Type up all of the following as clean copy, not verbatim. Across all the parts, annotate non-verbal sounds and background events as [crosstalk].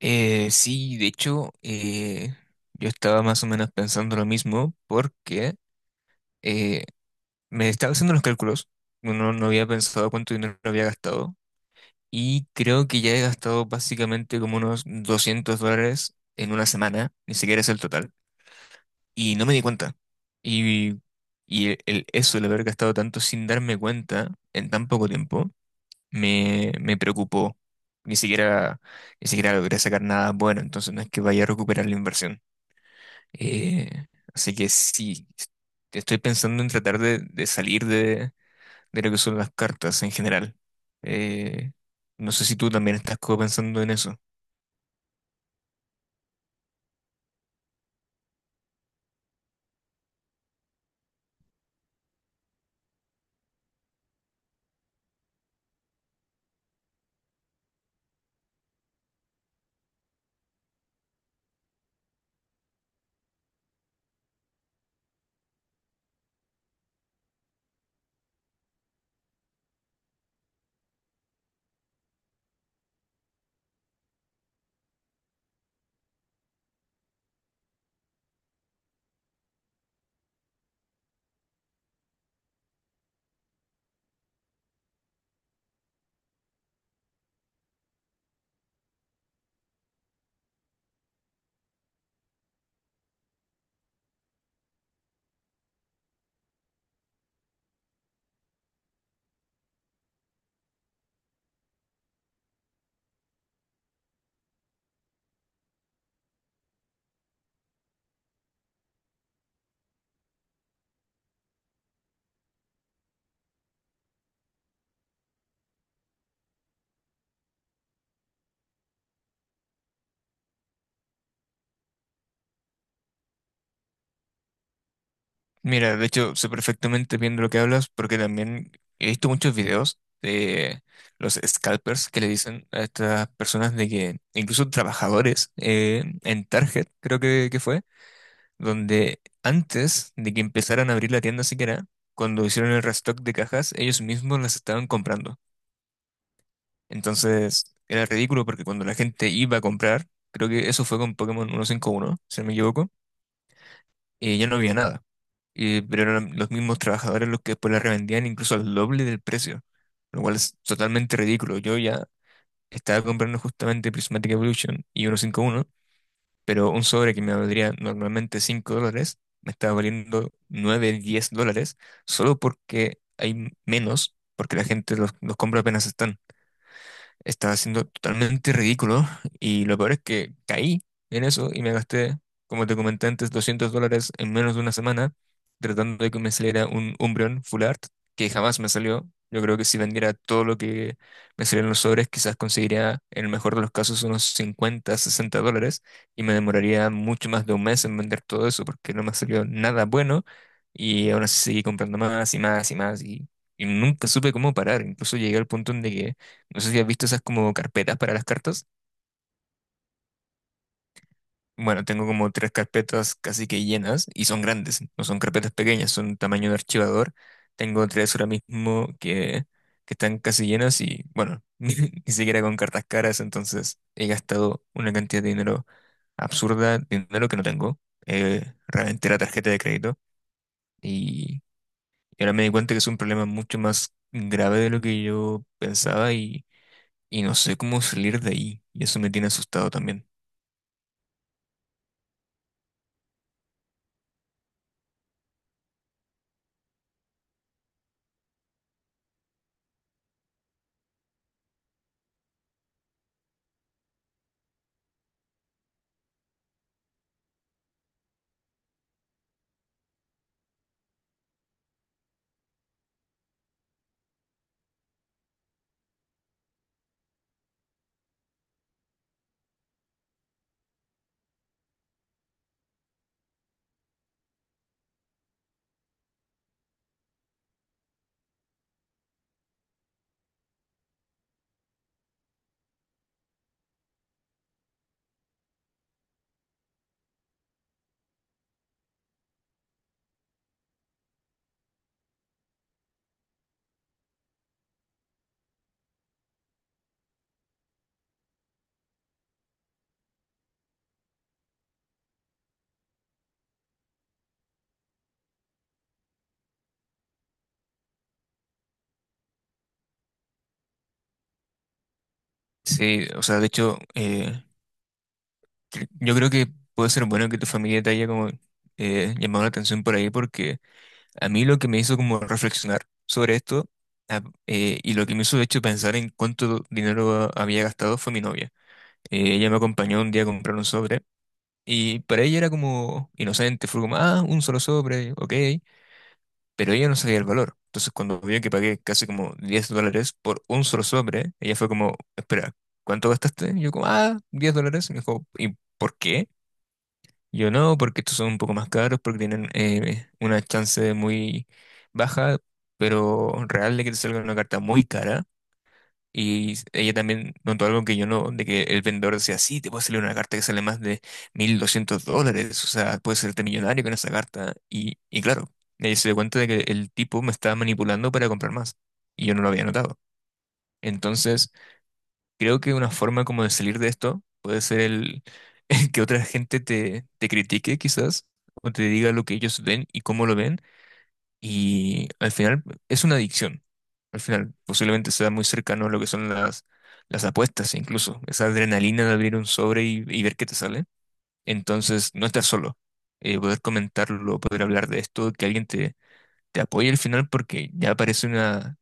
Sí, de hecho, yo estaba más o menos pensando lo mismo porque eh, me estaba haciendo los cálculos, no había pensado cuánto dinero había gastado y creo que ya he gastado básicamente como unos $200 en una semana, ni siquiera es el total, y no me di cuenta. Y, Eso, el haber gastado tanto sin darme cuenta en tan poco tiempo, me preocupó. Ni siquiera, ni siquiera logré sacar nada bueno, entonces no es que vaya a recuperar la inversión. Eh, Así que sí, estoy pensando en tratar de salir de lo que son las cartas en general. Eh, no sé si tú también estás como pensando en eso. Mira, de hecho, sé perfectamente bien de lo que hablas porque también he visto muchos videos de los scalpers que le dicen a estas personas de que incluso trabajadores en Target, creo que fue. Donde antes de que empezaran a abrir la tienda siquiera, cuando hicieron el restock de cajas, ellos mismos las estaban comprando. Entonces era ridículo porque cuando la gente iba a comprar, creo que eso fue con Pokémon 151, si no me equivoco, y ya no había nada. Pero eran los mismos trabajadores los que después la revendían incluso al doble del precio, lo cual es totalmente ridículo. Yo ya estaba comprando justamente Prismatic Evolution y 151, pero un sobre que me valdría normalmente $5, me está valiendo 9-10 dólares, solo porque hay menos, porque la gente los compra apenas están. Estaba siendo totalmente ridículo y lo peor es que caí en eso y me gasté, como te comenté antes, $200 en menos de una semana tratando de que me saliera un Umbreon Full Art que jamás me salió. Yo creo que si vendiera todo lo que me salían los sobres, quizás conseguiría, en el mejor de los casos, unos 50-60 dólares y me demoraría mucho más de un mes en vender todo eso porque no me salió nada bueno y aún así seguí comprando más y más y más y nunca supe cómo parar. Incluso llegué al punto en de que no sé si has visto esas como carpetas para las cartas. Bueno, tengo como tres carpetas casi que llenas y son grandes, no son carpetas pequeñas, son tamaño de archivador. Tengo tres ahora mismo que están casi llenas y bueno, [laughs] ni siquiera con cartas caras, entonces he gastado una cantidad de dinero absurda, dinero que no tengo. Reventé la tarjeta de crédito y, y ahora me di cuenta que es un problema mucho más grave de lo que yo pensaba y no sé cómo salir de ahí y eso me tiene asustado también. Sí, o sea, de hecho, yo creo que puede ser bueno que tu familia te haya como llamado la atención por ahí, porque a mí lo que me hizo como reflexionar sobre esto y lo que me hizo de hecho pensar en cuánto dinero había gastado fue mi novia. Ella me acompañó un día a comprar un sobre y para ella era como inocente, fue como, ah, un solo sobre, ok, pero ella no sabía el valor. Entonces, cuando vio que pagué casi como $10 por un solo sobre, ella fue como, espera, ¿cuánto gastaste? Y yo como, ah, 10 dólares. Y me dijo, ¿y por qué? Y yo no, porque estos son un poco más caros, porque tienen una chance muy baja, pero real de que te salga una carta muy cara. Y ella también notó algo que yo no, de que el vendedor decía, sí, te puede salir una carta que sale más de $1,200, o sea, puedes serte millonario con esa carta. Y claro, ella se dio cuenta de que el tipo me estaba manipulando para comprar más, y yo no lo había notado. Entonces, creo que una forma como de salir de esto puede ser el [laughs] que otra gente te critique quizás, o te diga lo que ellos ven y cómo lo ven, y al final es una adicción. Al final posiblemente sea muy cercano a lo que son las apuestas, incluso. Esa adrenalina de abrir un sobre y ver qué te sale. Entonces, no estar solo. Poder comentarlo, poder hablar de esto, que alguien te apoye al final porque ya parece una,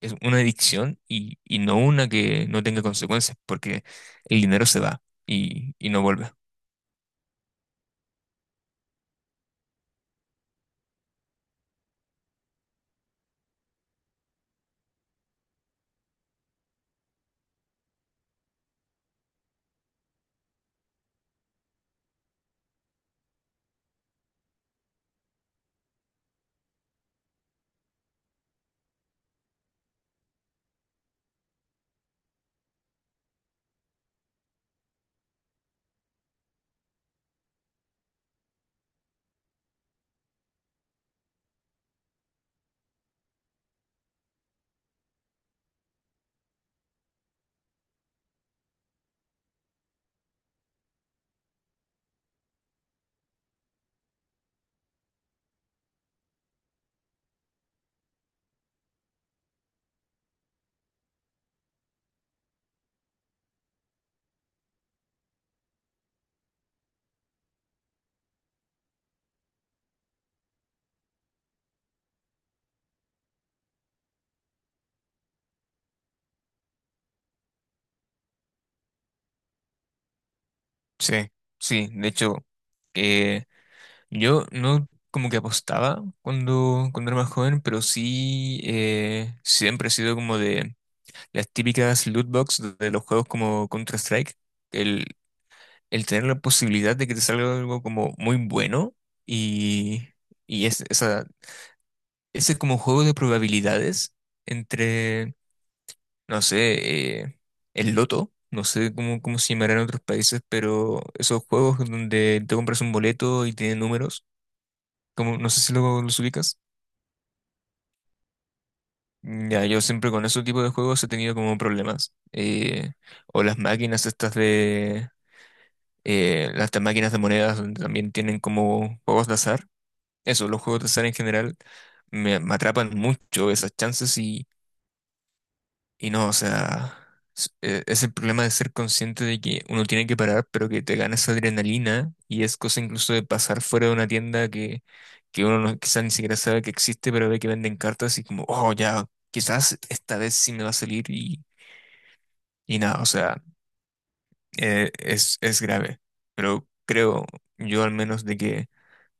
es una adicción y no una que no tenga consecuencias, porque el dinero se va y no vuelve. Sí, sí, de hecho, eh, yo no como que apostaba cuando era más joven, pero sí siempre he sido como de las típicas loot box de los juegos como Counter-Strike. El, el tener la posibilidad de que te salga algo como muy bueno y, y ese como juego de probabilidades entre, no sé, el loto. No sé cómo se llamará en otros países, pero esos juegos donde te compras un boleto y tiene números, como, no sé si luego los ubicas. Mm, ya, yo siempre con ese tipo de juegos he tenido como problemas. O las máquinas estas de... las de máquinas de monedas donde también tienen como juegos de azar. Eso, los juegos de azar en general me atrapan mucho esas chances y no, o sea, es el problema de ser consciente de que uno tiene que parar, pero que te gana esa adrenalina y es cosa incluso de pasar fuera de una tienda que uno no, quizás ni siquiera sabe que existe, pero ve que venden cartas y como, oh, ya, quizás esta vez sí me va a salir y nada, o sea, es grave. Pero creo yo al menos de que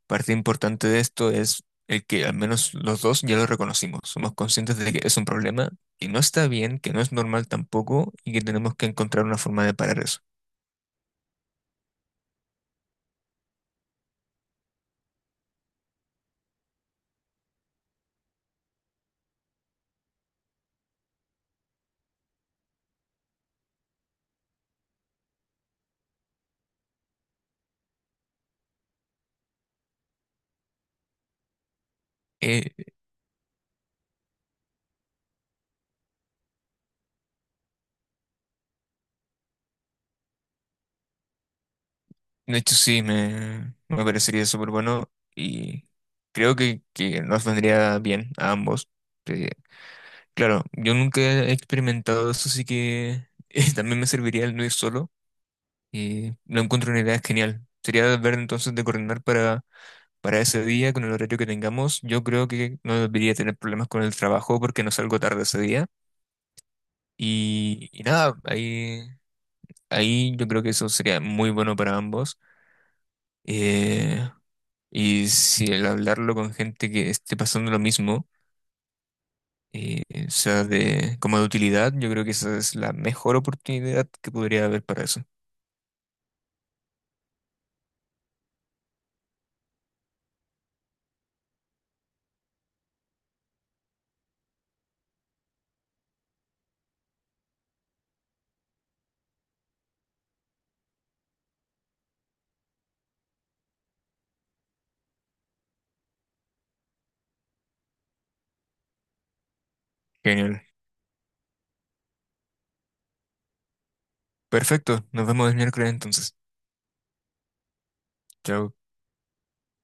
parte importante de esto es el que al menos los dos ya lo reconocimos, somos conscientes de que es un problema, que no está bien, que no es normal tampoco y que tenemos que encontrar una forma de parar eso. Eh, de hecho, sí, me parecería súper bueno y creo que nos vendría bien a ambos. Eh, claro, yo nunca he experimentado eso, así que [laughs] también me serviría el no ir solo y lo encuentro una idea genial. Sería ver entonces de coordinar para ese día, con el horario que tengamos, yo creo que no debería tener problemas con el trabajo porque no salgo tarde ese día. Y nada, ahí yo creo que eso sería muy bueno para ambos. Eh, y si el hablarlo con gente que esté pasando lo mismo, eh, sea como de utilidad, yo creo que esa es la mejor oportunidad que podría haber para eso. Genial. Perfecto, nos vemos el miércoles entonces. Chao.